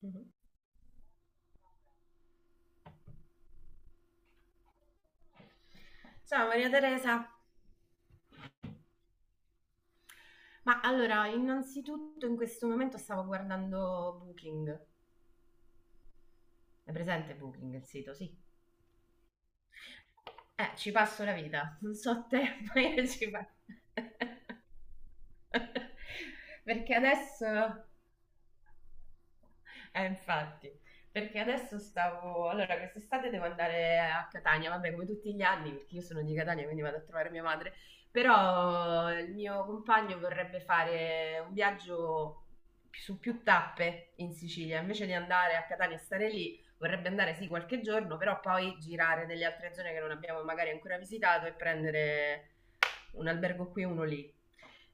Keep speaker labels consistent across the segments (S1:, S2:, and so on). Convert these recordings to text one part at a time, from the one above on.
S1: Mhm. Ciao Maria Teresa, ma allora innanzitutto in questo momento stavo guardando Booking. È presente Booking il sito? Sì. Ci passo la vita, non so te, ma io ci passo. Perché adesso infatti, perché adesso stavo... Allora, quest'estate devo andare a Catania, vabbè, come tutti gli anni, perché io sono di Catania, quindi vado a trovare mia madre, però il mio compagno vorrebbe fare un viaggio su più tappe in Sicilia, invece di andare a Catania e stare lì, vorrebbe andare sì qualche giorno, però poi girare nelle altre zone che non abbiamo magari ancora visitato e prendere un albergo qui e uno lì.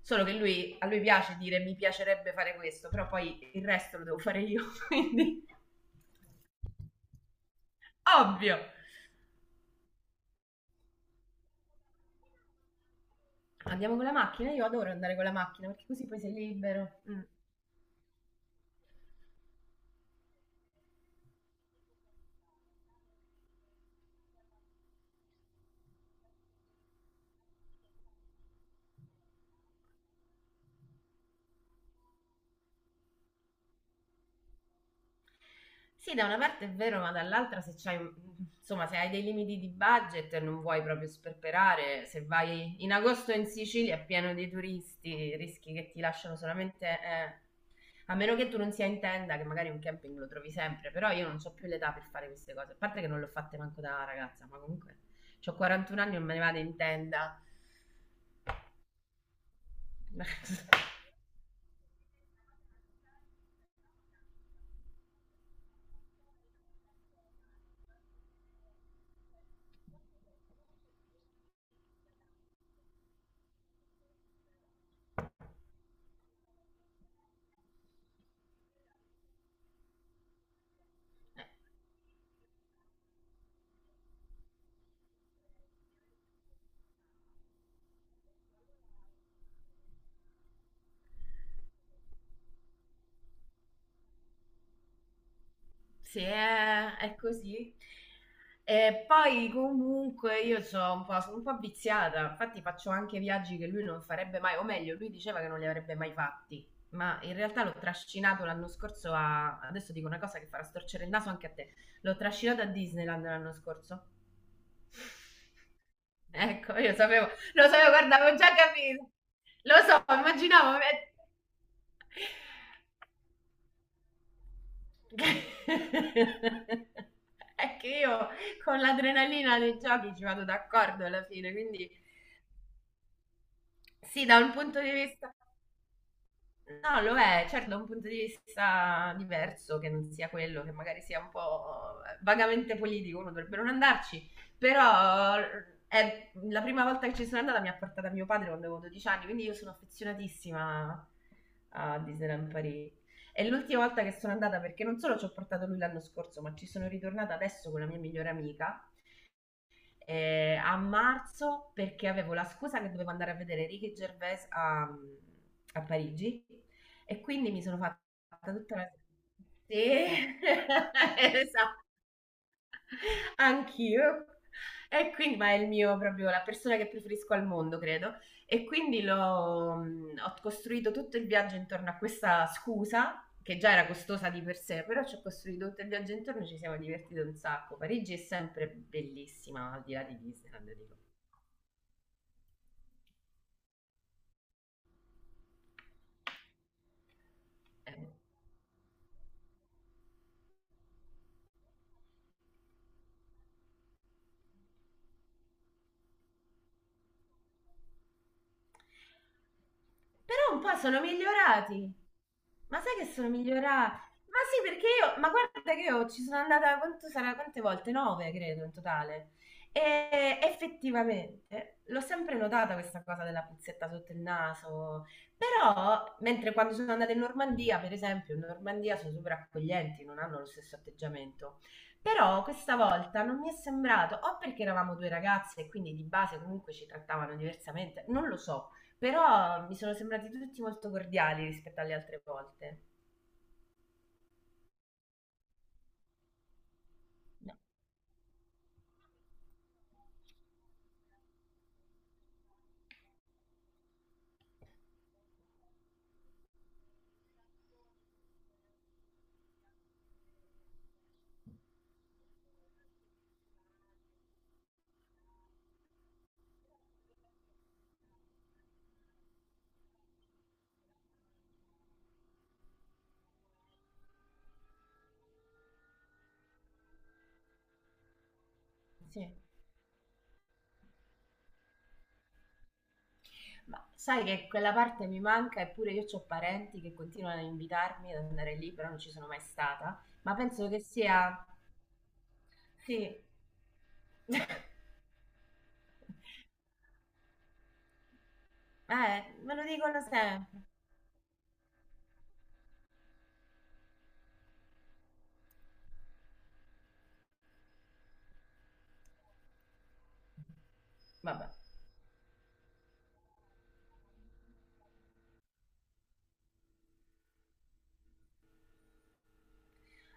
S1: Solo che lui, a lui piace dire mi piacerebbe fare questo, però poi il resto lo devo fare io, quindi ovvio. Andiamo con la macchina, io adoro andare con la macchina perché così poi sei libero. Mm. Sì, da una parte è vero, ma dall'altra se c'hai, insomma, se hai dei limiti di budget e non vuoi proprio sperperare, se vai in agosto in Sicilia è pieno di turisti, rischi che ti lasciano solamente, a meno che tu non sia in tenda, che magari un camping lo trovi sempre, però io non ho più l'età per fare queste cose, a parte che non le ho fatte manco da ragazza, ma comunque ho 41 anni e non me ne vado in tenda. Eh, Sì, è così. E poi comunque io sono un po' viziata, infatti faccio anche viaggi che lui non farebbe mai, o meglio, lui diceva che non li avrebbe mai fatti, ma in realtà l'ho trascinato l'anno scorso adesso dico una cosa che farà storcere il naso anche a te, l'ho trascinato a Disneyland l'anno scorso. Ecco, io sapevo, lo sapevo, guarda, avevo già capito, lo so, immaginavo, eh. È che io con l'adrenalina dei giochi ci vado d'accordo alla fine, quindi sì, da un punto di vista No, lo è, certo, da un punto di vista diverso, che non sia quello, che magari sia un po' vagamente politico, uno dovrebbe non andarci, però è la prima volta che ci sono andata mi ha portata mio padre quando avevo 12 anni, quindi io sono affezionatissima a Disneyland Paris. È l'ultima volta che sono andata perché non solo ci ho portato lui l'anno scorso, ma ci sono ritornata adesso con la mia migliore amica a marzo perché avevo la scusa che dovevo andare a vedere Ricky Gervais a Parigi e quindi mi sono fatta tutta la... Sì, esatto. Anch'io. E quindi, ma è il mio proprio, la persona che preferisco al mondo, credo. E quindi l'ho, ho costruito tutto il viaggio intorno a questa scusa, che già era costosa di per sé, però ci ho costruito tutto il viaggio intorno e ci siamo divertiti un sacco. Parigi è sempre bellissima, al di là di Disneyland, dico. Eh. Però un po' sono migliorati. Ma sai che sono migliorati? Ma sì, perché io, ma guarda che io ci sono andata, quanto sarà, quante volte? Nove, credo, in totale. E effettivamente l'ho sempre notata questa cosa della puzzetta sotto il naso. Però, mentre quando sono andata in Normandia, per esempio, in Normandia sono super accoglienti, non hanno lo stesso atteggiamento. Però questa volta non mi è sembrato, o perché eravamo due ragazze e quindi di base comunque ci trattavano diversamente, non lo so. Però mi sono sembrati tutti molto cordiali rispetto alle altre volte. No, sì. Ma sai che quella parte mi manca, eppure io ho parenti che continuano a invitarmi ad andare lì, però non ci sono mai stata. Ma penso che sia... Sì, me lo dicono sempre. Vabbè.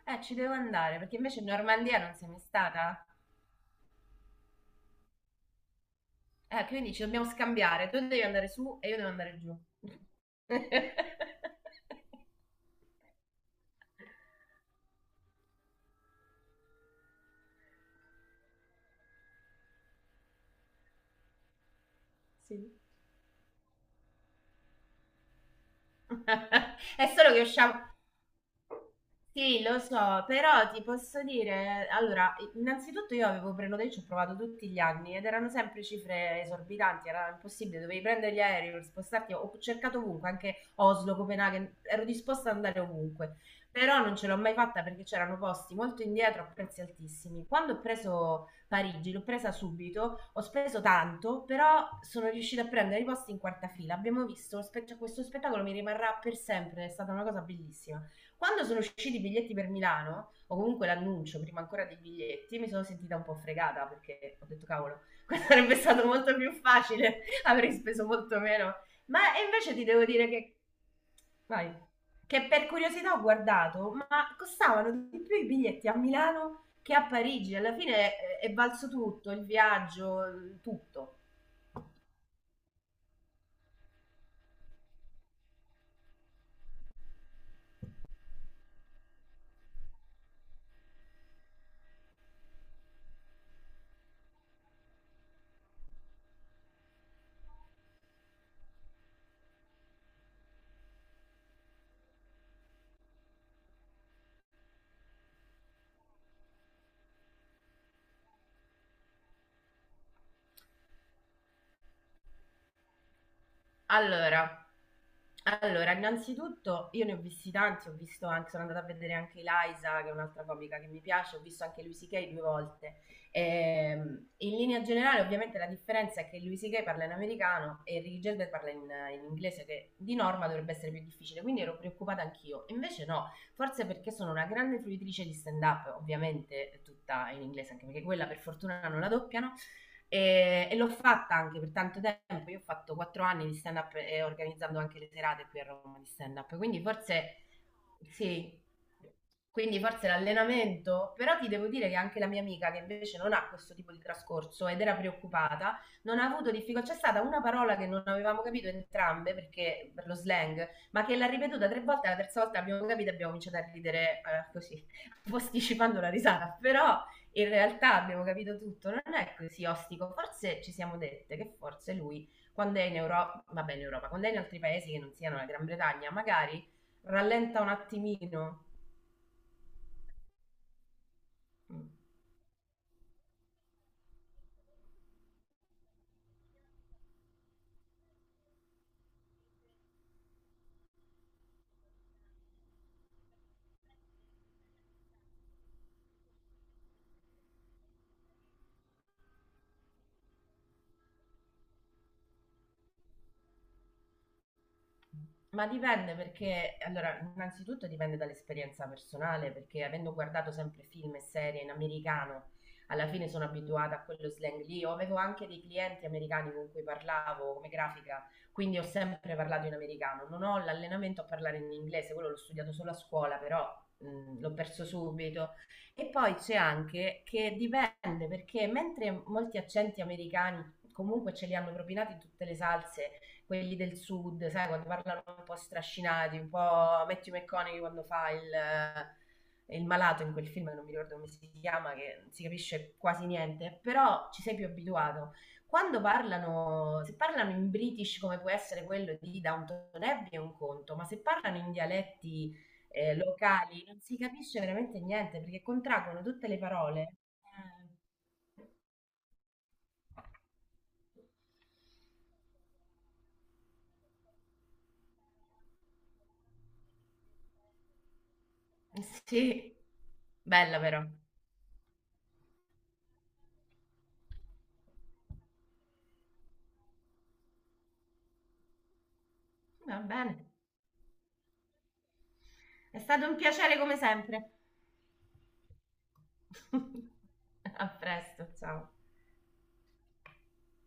S1: Ci devo andare, perché invece in Normandia non sei mai stata. Quindi ci dobbiamo scambiare. Tu devi andare su e io devo andare giù. Sì. È solo che usciamo... Sì, lo so, però ti posso dire, allora, innanzitutto io avevo prenotato, io ci ho provato tutti gli anni ed erano sempre cifre esorbitanti, era impossibile, dovevi prendere gli aerei per spostarti, ho cercato ovunque, anche Oslo, Copenaghen, ero disposta ad andare ovunque, però non ce l'ho mai fatta perché c'erano posti molto indietro a prezzi altissimi. Quando ho preso Parigi, l'ho presa subito, ho speso tanto, però sono riuscita a prendere i posti in quarta fila, abbiamo visto, cioè, questo spettacolo mi rimarrà per sempre, è stata una cosa bellissima. Quando sono usciti i biglietti per Milano, o comunque l'annuncio prima ancora dei biglietti, mi sono sentita un po' fregata perché ho detto cavolo, questo sarebbe stato molto più facile, avrei speso molto meno. Ma e invece ti devo dire che... Vai. Che per curiosità ho guardato, ma costavano di più i biglietti a Milano che a Parigi. Alla fine è valso tutto, il viaggio, tutto. Allora, allora, innanzitutto io ne ho visti tanti, ho visto anche, sono andata a vedere anche Eliza, che è un'altra comica che mi piace, ho visto anche Louis C.K. due volte. In linea generale, ovviamente, la differenza è che Louis C.K. parla in americano e Ricky Gervais parla in inglese, che di norma dovrebbe essere più difficile, quindi ero preoccupata anch'io. Invece no, forse perché sono una grande fruitrice di stand-up, ovviamente tutta in inglese, anche perché quella per fortuna non la doppiano, e l'ho fatta anche per tanto tempo. Io ho fatto 4 anni di stand up e organizzando anche le serate qui a Roma di stand up. Quindi forse sì, quindi forse l'allenamento, però ti devo dire che anche la mia amica che invece non ha questo tipo di trascorso ed era preoccupata, non ha avuto difficoltà. C'è stata una parola che non avevamo capito entrambe perché per lo slang, ma che l'ha ripetuta tre volte, la terza volta abbiamo capito e abbiamo cominciato a ridere così, posticipando la risata. Però in realtà abbiamo capito tutto, non è così ostico, forse ci siamo dette che forse lui quando è in Europa, vabbè in Europa, quando è in altri paesi che non siano la Gran Bretagna, magari rallenta un attimino. Mm. Ma dipende perché, allora, innanzitutto dipende dall'esperienza personale, perché avendo guardato sempre film e serie in americano, alla fine sono abituata a quello slang lì. Io avevo anche dei clienti americani con cui parlavo come grafica, quindi ho sempre parlato in americano. Non ho l'allenamento a parlare in inglese, quello l'ho studiato solo a scuola, però l'ho perso subito. E poi c'è anche che dipende perché mentre molti accenti americani comunque ce li hanno propinati in tutte le salse quelli del sud, sai, quando parlano un po' strascinati, un po' Matthew McConaughey quando fa il malato in quel film che non mi ricordo come si chiama, che non si capisce quasi niente, però ci sei più abituato. Quando parlano, se parlano in British come può essere quello di Downton Abbey è un conto, ma se parlano in dialetti locali non si capisce veramente niente perché contraggono tutte le parole. Sì, bella però. Va bene. È stato un piacere come sempre. A presto, ciao.